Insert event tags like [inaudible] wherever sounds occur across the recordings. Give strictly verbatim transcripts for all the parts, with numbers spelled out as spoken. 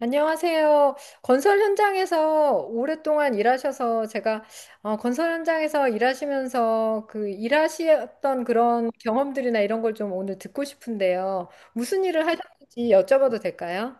안녕하세요. 건설 현장에서 오랫동안 일하셔서 제가 어, 건설 현장에서 일하시면서 그 일하셨던 그런 경험들이나 이런 걸 좀 오늘 듣고 싶은데요. 무슨 일을 하셨는지 여쭤봐도 될까요?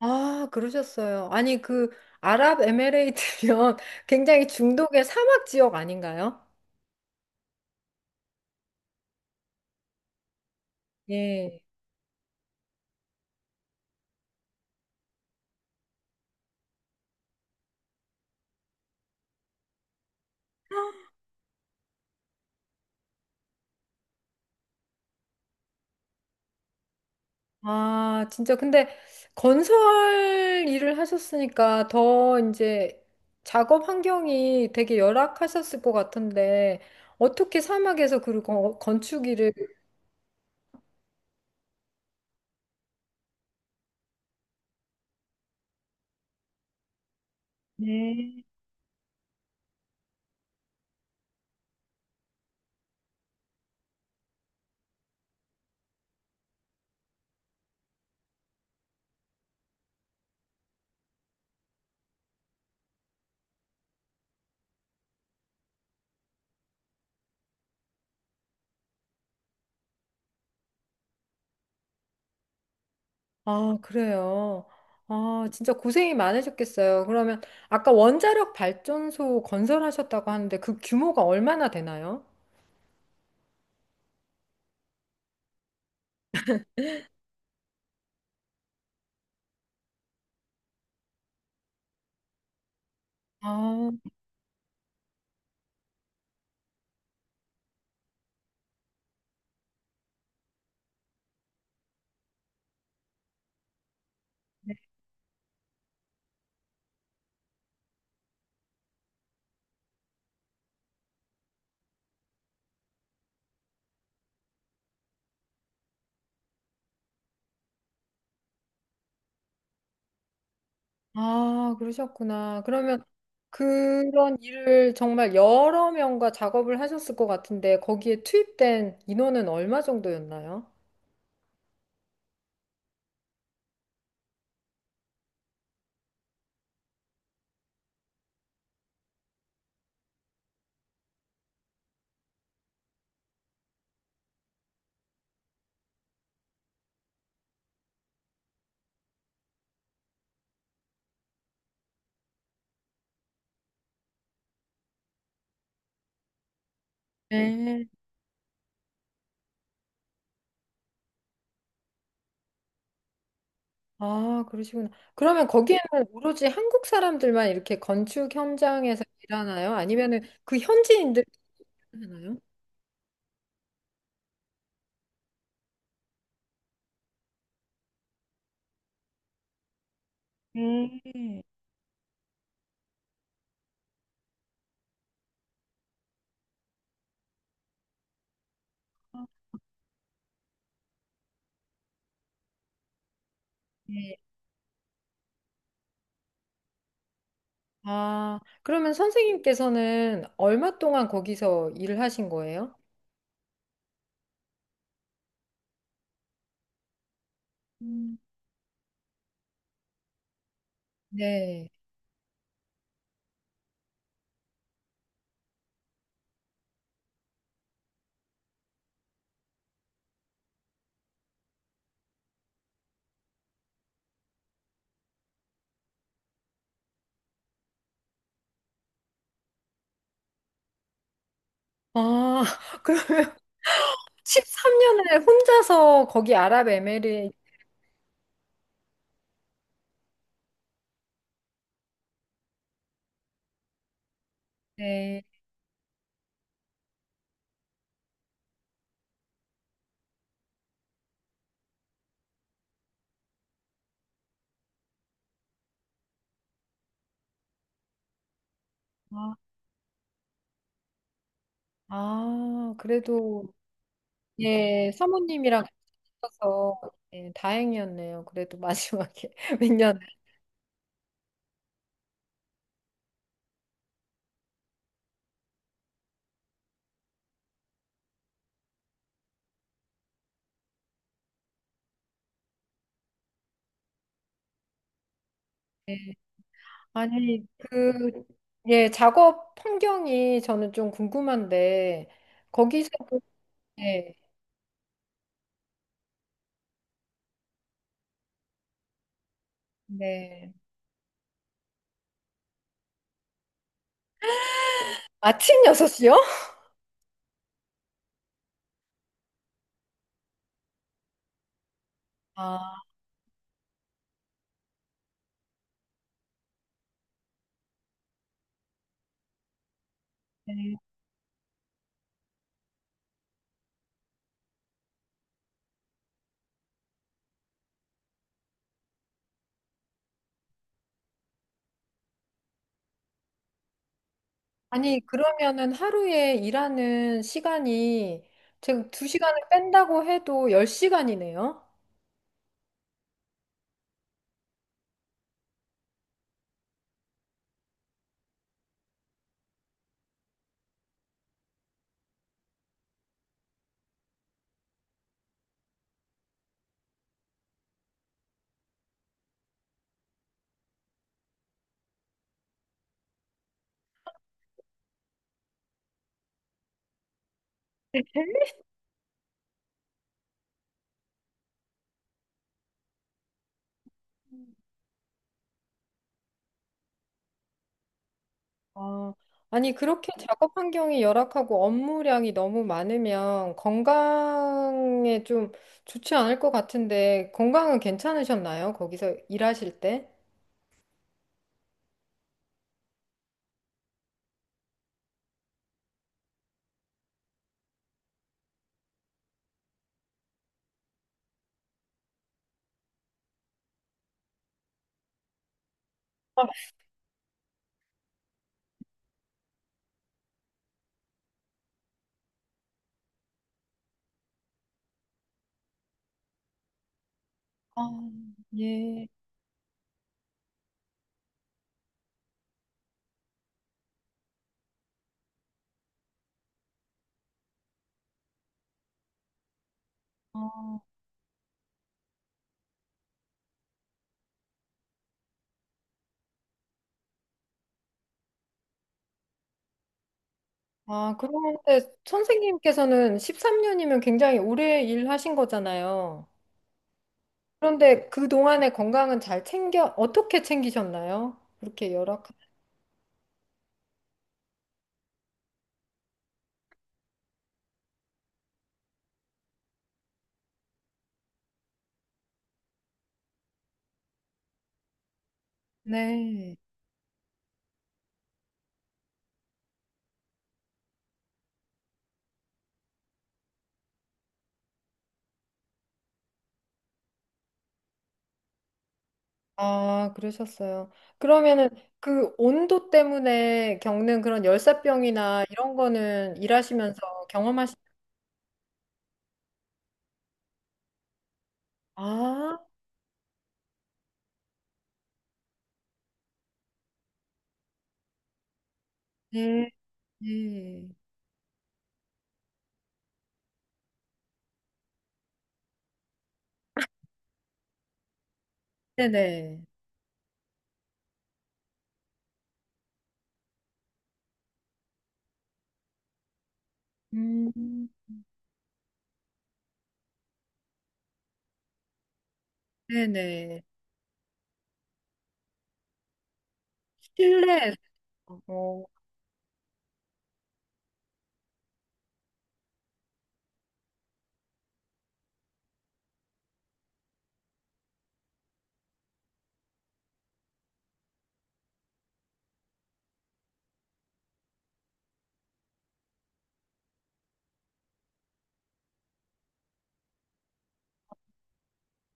아, 그러셨어요. 아니, 그 아랍에미레이트면 [laughs] 굉장히 중동의 사막 지역 아닌가요? 예. 아, 진짜. 근데 건설 일을 하셨으니까 더 이제 작업 환경이 되게 열악하셨을 것 같은데, 어떻게 사막에서 그리고 거- 건축 일을, 네. 아, 그래요. 아, 진짜 고생이 많으셨겠어요. 그러면 아까 원자력 발전소 건설하셨다고 하는데 그 규모가 얼마나 되나요? 아, 네. 아, 그러셨구나. 그러면 그런 일을 정말 여러 명과 작업을 하셨을 것 같은데 거기에 투입된 인원은 얼마 정도였나요? 네. 아, 그러시구나. 그러면 거기에는 오로지 한국 사람들만 이렇게 건축 현장에서 일하나요? 아니면은 그 현지인들 하나요? 음. 네. 아, 그러면 선생님께서는 얼마 동안 거기서 일을 하신 거예요? 음. 네. 아, [laughs] 그러면 십삼 년을 혼자서 거기 아랍에미리 네. 아, 아, 그래도, 예, 사모님이랑 같이 있어서 예, 다행이었네요. 그래도 마지막에 [laughs] 몇 년. 예. 아니, 그, 예, 작업 환경이 저는 좀 궁금한데, 거기서도, 예, 네. 네. 아침 여섯 시요? 아, 네. 아니, 그러면은 하루에 일하는 시간이 제가 두 시간을 뺀다고 해도 열 시간이네요? 아, 아니, 그렇게 작업 환경이 열악하고 업무량이 너무 많으면 건강에 좀 좋지 않을 것 같은데, 건강은 괜찮으셨나요? 거기서 일하실 때? 아, 아, 예. 아, 아, 그런데 선생님께서는 십삼 년이면 굉장히 오래 일하신 거잖아요. 그런데 그동안의 건강은 잘 챙겨, 어떻게 챙기셨나요? 그렇게 열악한. 네. 아, 그러셨어요. 그러면은 그 온도 때문에 겪는 그런 열사병이나 이런 거는 일하시면서 경험하시, 아, 네, 네. 네네. 음, 네네. 실내에서. 어,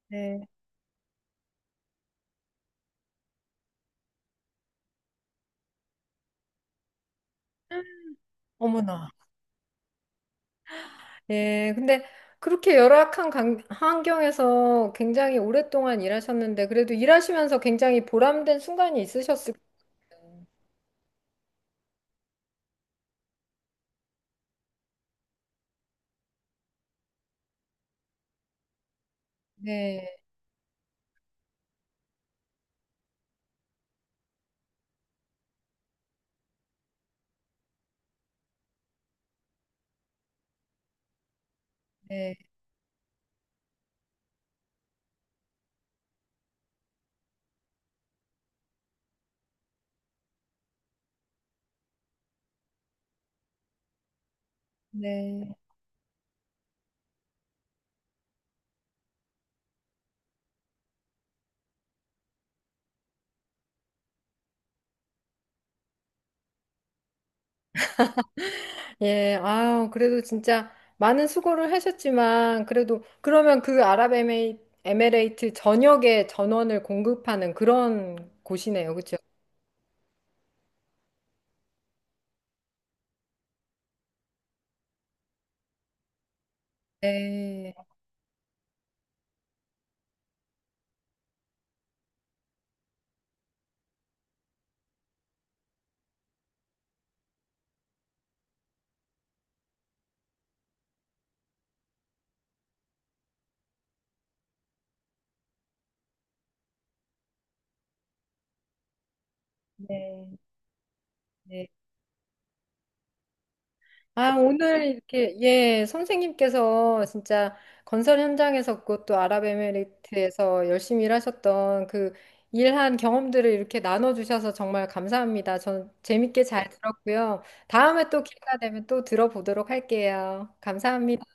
네. 어머나. 예, 근데 그렇게 열악한 강- 환경에서 굉장히 오랫동안 일하셨는데, 그래도 일하시면서 굉장히 보람된 순간이 있으셨을 거예요. 네, 네, 네. 예, 아우, 그래도 진짜 많은 수고를 하셨지만, 그래도, 그러면 그 아랍에미레이트 전역에 전원을 공급하는 그런 곳이네요. 그렇죠? 네. 네. 네. 아, 오늘 이렇게, 예, 선생님께서 진짜 건설 현장에서 그것도 아랍에미레이트에서 열심히 일하셨던 그 일한 경험들을 이렇게 나눠주셔서 정말 감사합니다. 전 재밌게 잘 들었고요. 다음에 또 기회가 되면 또 들어보도록 할게요. 감사합니다.